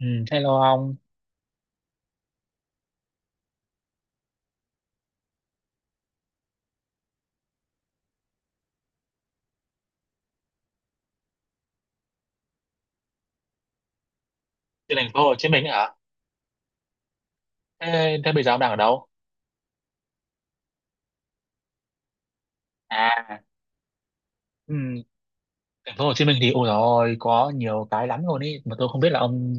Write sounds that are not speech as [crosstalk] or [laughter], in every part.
Ừ, hello ông. Trên thành phố Hồ Chí Minh hả? Thế bây giờ ông đang ở đâu? À, ừ, thành phố Hồ Chí Minh thì ôi rồi có nhiều cái lắm luôn ý, mà tôi không biết là ông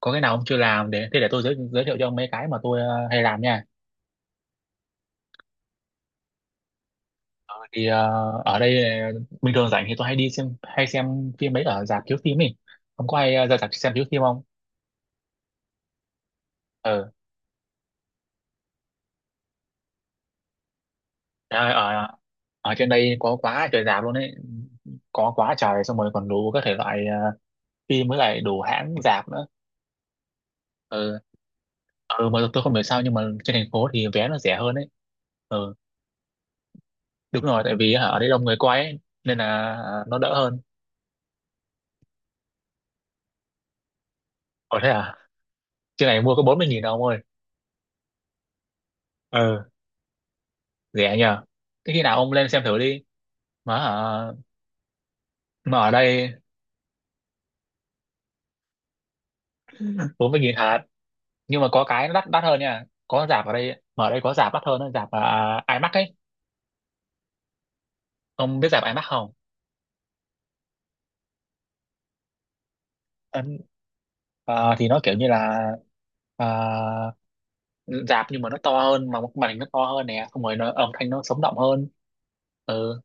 có cái nào ông chưa làm để tôi giới thiệu cho ông mấy cái mà tôi hay làm nha. Thì ở đây bình thường rảnh thì tôi hay đi xem hay xem phim mấy ở rạp chiếu phim ấy. Ông có hay ra rạp xem chiếu phim không? Ừ. Trời ơi, ở ở trên đây có quá trời rạp luôn ấy. Có quá trời xong rồi còn đủ các thể loại phim với lại đủ hãng rạp nữa. Ừ, ừ mà tôi không hiểu sao nhưng mà trên thành phố thì vé nó rẻ hơn ấy. Ừ, đúng rồi, tại vì hả, ở đây đông người quay ấy, nên là nó đỡ hơn. Ở thế à, trên này mua có 40 nghìn đâu ông ơi. Ừ, rẻ nhờ. Thế khi nào ông lên xem thử đi, mà hả, mà ở đây 40 nghìn hạt, nhưng mà có cái nó đắt đắt hơn nha, có rạp ở đây, mà ở đây có rạp đắt hơn đó, rạp à, IMAX ấy. Ông biết rạp IMAX không? Ấn- À, thì nó kiểu như là à, rạp nhưng mà nó to hơn, mà màn hình nó to hơn nè, xong rồi nó, âm thanh nó sống động hơn. Ừ,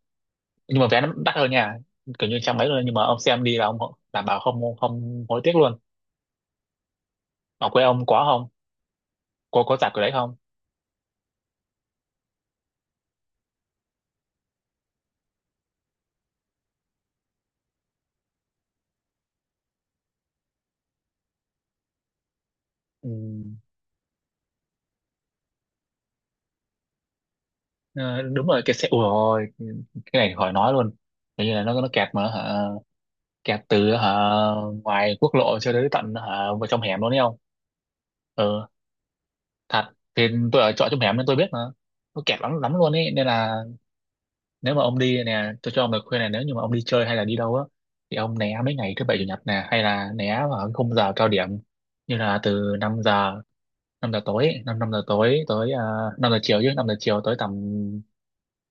nhưng mà vé nó đắt hơn nha, kiểu như trăm mấy luôn, nhưng mà ông xem đi là ông đảm bảo không không hối tiếc luôn. Ở quê ông có không? Có, có giảm cái đấy không? Ừ. Ờ, đúng rồi, cái xe ủa ôi, cái này khỏi nói luôn. Kiểu như là nó kẹt mà hả, kẹt từ hả ngoài quốc lộ cho đến tận hả vào trong hẻm luôn đấy không. Ừ thật, thì tôi ở trọ trong hẻm nên tôi biết mà, nó kẹt lắm lắm luôn ấy, nên là nếu mà ông đi nè, tôi cho ông lời khuyên này, nếu như mà ông đi chơi hay là đi đâu á thì ông né mấy ngày thứ bảy chủ nhật nè, hay là né vào cái khung giờ cao điểm, như là từ năm giờ, năm giờ tối, 5 5 giờ tối tới 5 giờ chiều, chứ 5 giờ chiều tới tầm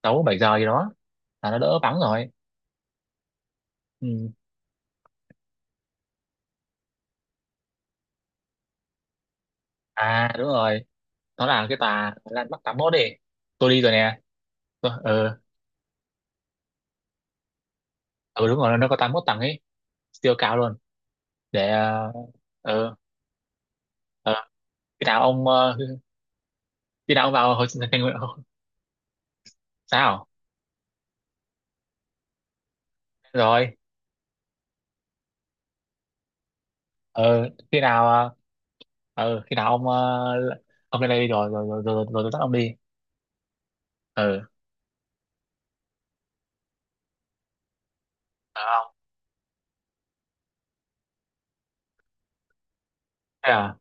6 7 giờ gì đó là nó đỡ vắng rồi. Ừ. À đúng rồi, nó là cái tà Lan Bắc tám mốt đi, tôi đi rồi nè. Tôi, ừ, đúng rồi, nó có tám mốt tầng ấy, siêu cao luôn. Để ờ ờ ờ, khi nào ông khi nào ông vào hồi sinh thành sao rồi ờ khi nào khi nào ông ông lên đây đi, rồi rồi rồi rồi, rồi, tôi dắt ông đi. Ờ được không? Thế à?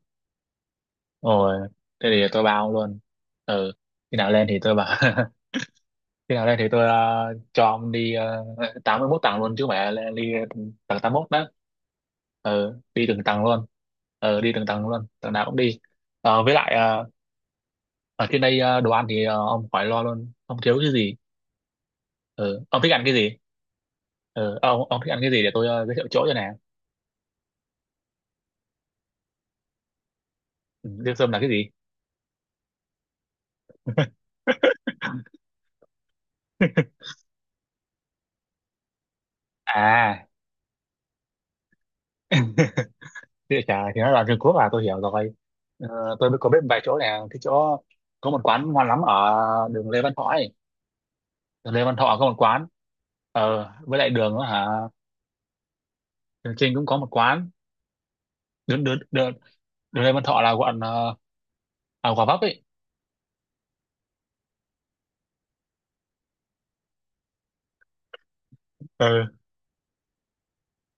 Rồi thế thì tôi bảo ông luôn, ờ khi nào lên thì tôi bảo [laughs] khi nào lên thì tôi cho ông đi. Tám mươi mốt tầng luôn chứ mẹ, lên đi, tầng tám mốt đó. Ờ đi từng tầng luôn, ờ đi từng tầng luôn, tầng nào cũng đi. ờ với lại ờ, ở trên đây đồ ăn thì ông khỏi lo luôn, không thiếu cái gì. Ờ ông thích ăn cái gì? Ông thích ăn cái gì để tôi giới thiệu chỗ cho nè. Liêu Sâm là cái gì? [laughs] À, địa trà thì nó là Trung Quốc à, tôi hiểu rồi. Ờ, tôi mới có biết một vài chỗ này, cái chỗ có một quán ngon lắm ở đường Lê Văn Thọ ấy. Đường Lê Văn Thọ có một quán. Ờ, với lại đường đó hả? Đường Chinh cũng có một quán. Đường, đường, đường, đường Lê Văn Thọ là quận Gò Vấp ấy. Ừ.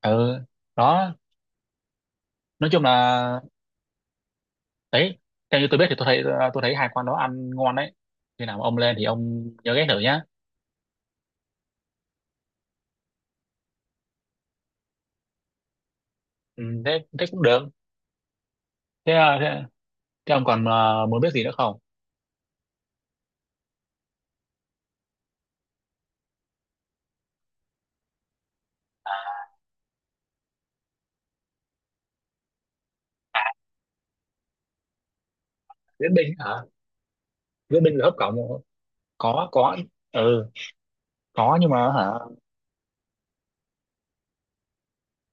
Ừ. Đó, nói chung là đấy, theo như tôi biết thì tôi thấy tôi thấy hai quán đó ăn ngon đấy. Khi nào mà ông lên thì ông nhớ ghé thử nhá. Ừ, thế thế cũng được. Thế, ờ, thế Thế ông còn muốn biết gì nữa không? Viễn binh hả? Viễn binh là hấp cổng không? Có, có. Ừ, có nhưng mà hả?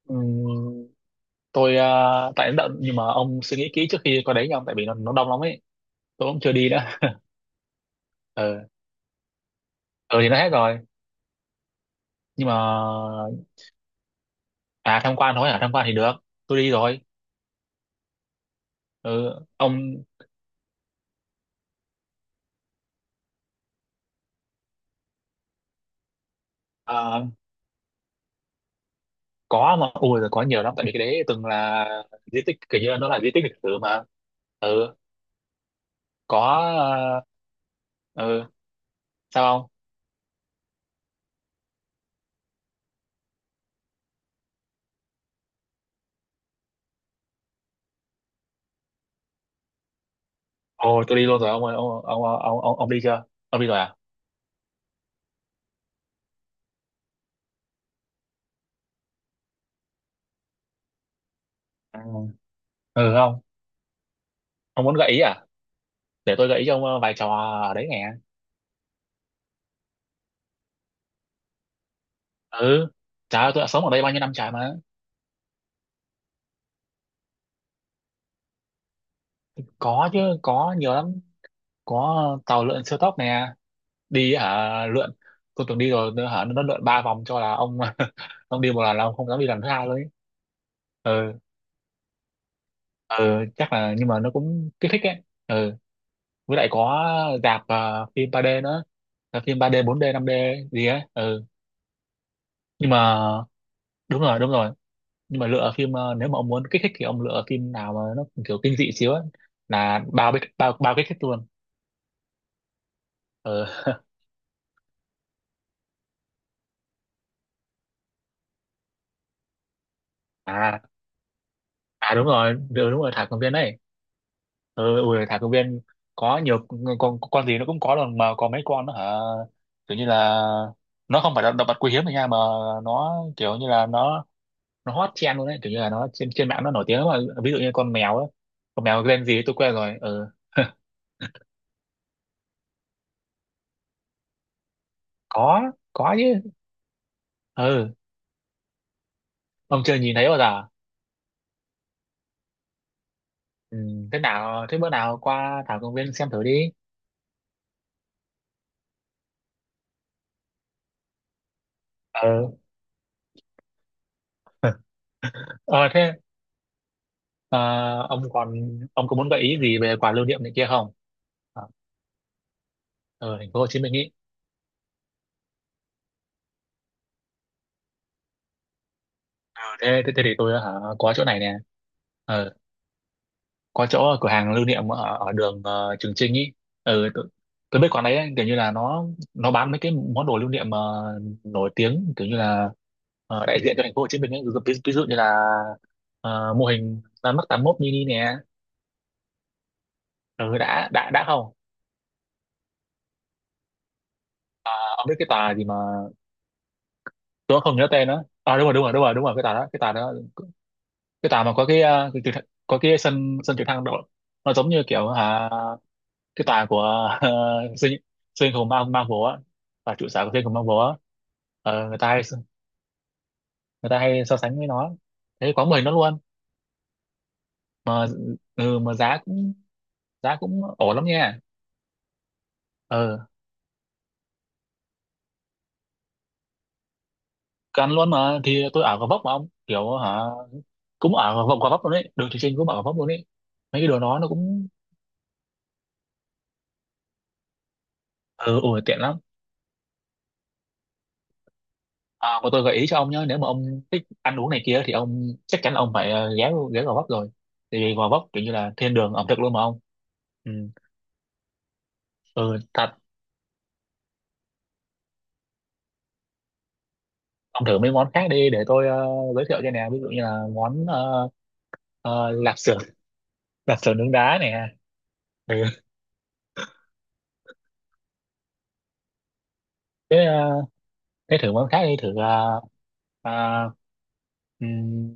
ừm, tôi tại nó đậm, nhưng mà ông suy nghĩ kỹ trước khi có đấy nha ông, tại vì nó đông lắm ấy. Tôi cũng chưa đi nữa. Ừ. Ừ thì nó hết rồi. Nhưng mà à tham quan thôi, à tham quan thì được. Tôi đi rồi. Ừ, ông ờ, có mà ui rồi, có nhiều lắm, tại vì cái đấy từng là di tích, kiểu như nó là di tích lịch sử mà. Ừ, có ờ, ừ, sao không? Ồ, tôi đi luôn rồi ông ơi, ông đi chưa? Ông đi rồi à? À, ừ không, ông muốn gợi ý à? Để tôi gợi ý cho ông vài trò ở đấy nghe. Ừ trời ơi, tôi đã sống ở đây bao nhiêu năm trời mà. Có chứ, có nhiều lắm. Có tàu lượn siêu tốc nè, đi hả lượn. Tôi từng đi rồi, nó hả nó lượn ba vòng cho là ông [laughs] ông đi một lần là ông không dám đi lần thứ hai luôn ấy. Ừ, ừ, chắc là, nhưng mà nó cũng kích thích ấy. Ừ, với lại có rạp phim 3D nữa. Là phim 3D, 4D, 5D gì ấy. Ừ, nhưng mà đúng rồi đúng rồi, nhưng mà lựa phim nếu mà ông muốn kích thích thì ông lựa phim nào mà nó kiểu kinh dị xíu á là bao bích- bao bao kích thích luôn. Ờ [laughs] à à đúng rồi đúng, đúng rồi, thả công viên đấy. Ui, thả công viên có nhiều con gì nó cũng có luôn mà, có mấy con nó hả, kiểu như là nó không phải là động vật quý hiếm rồi nha, mà nó kiểu như là nó hot trend luôn đấy, kiểu như là nó trên trên mạng nó nổi tiếng lắm mà, ví dụ như con mèo á, con mèo tên gì ấy, tôi quên rồi ừ [laughs] có có chứ. Ừ ông chưa nhìn thấy bao giờ. Ừ. Thế nào, thế bữa nào qua thảo công viên xem thử đi. ờ ờ thế ờ, ông còn, ông có muốn gợi ý gì về quà lưu niệm này kia không, ở ờ, ở thành phố Hồ Chí Minh ý? Ờ, thế, thế thì tôi hả, có chỗ này nè, ờ, có chỗ ở cửa hàng lưu niệm ở, ở đường Trường Chinh ý. ừ, tôi, tôi biết quán đấy ấy, kiểu như là nó bán mấy cái món đồ lưu niệm nổi tiếng, kiểu như là đại diện cho thành phố Hồ Chí Minh ấy. Ví dụ như là mô hình ra mắt tám mốt mini nè. Ừ, đã không, ông biết cái tà gì mà tôi không nhớ tên đó? À, đúng rồi, cái tà đó, cái tà đó, cái tà mà có cái à, cái có cái sân sân trực thăng đội. Nó giống như kiểu hả, cái tà của siêu siêu anh [laughs] hùng Marvel á, và trụ sở của siêu anh hùng Marvel á. Ờ, người ta hay so sánh với nó thế, quá mười nó luôn mà. Ừ, mà giá cũng, giá cũng ổn lắm nha. Ờ cứ ăn luôn mà, thì tôi ở Gò Vấp mà ông, kiểu hả, cũng ở Gò Vấp, Gò Vấp luôn đấy, đường Trường Chinh cũng ở Gò Vấp luôn đấy, mấy cái đồ đó nó cũng. Ừ, ủa tiện lắm. À, mà tôi gợi ý cho ông nhé, nếu mà ông thích ăn uống này kia thì ông chắc chắn ông phải ghé ghé Gò Vấp rồi, tại vì Gò Vấp kiểu như là thiên đường ẩm thực luôn mà ông. Ừ. Ừ thật, ông thử mấy món khác đi, để tôi giới thiệu cho nè, ví dụ như là món lạp xưởng [laughs] lạp xưởng nướng đá nè. Ừ. Thế, thế thử món khác đi, thử à, ừm,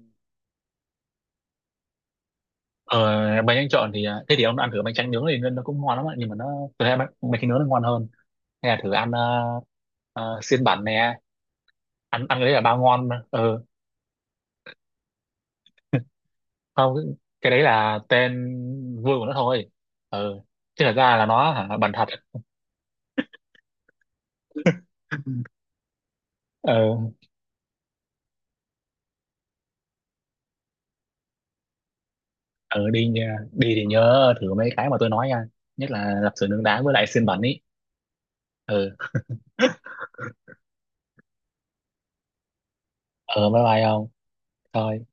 ở, bánh tráng trộn thì à, thế thì ông ăn thử bánh tráng nướng thì nó cũng ngon lắm ạ, nhưng mà nó, tôi thấy bánh, bánh tráng nướng nó ngon hơn. Hay là thử ăn xiên bản nè, ăn ăn cái đấy là bao ngon mà. Ừ, không, cái, cái đấy là tên vui của nó thôi. Ừ, chứ thật ra là nó hả bẩn thật. Ừ. Ừ đi nha- đi thì nhớ thử mấy cái mà tôi nói nha, nhất là lạp xưởng nướng đá với lại xiên bẩn ý. Ừ. Ờ bye bye không, thôi.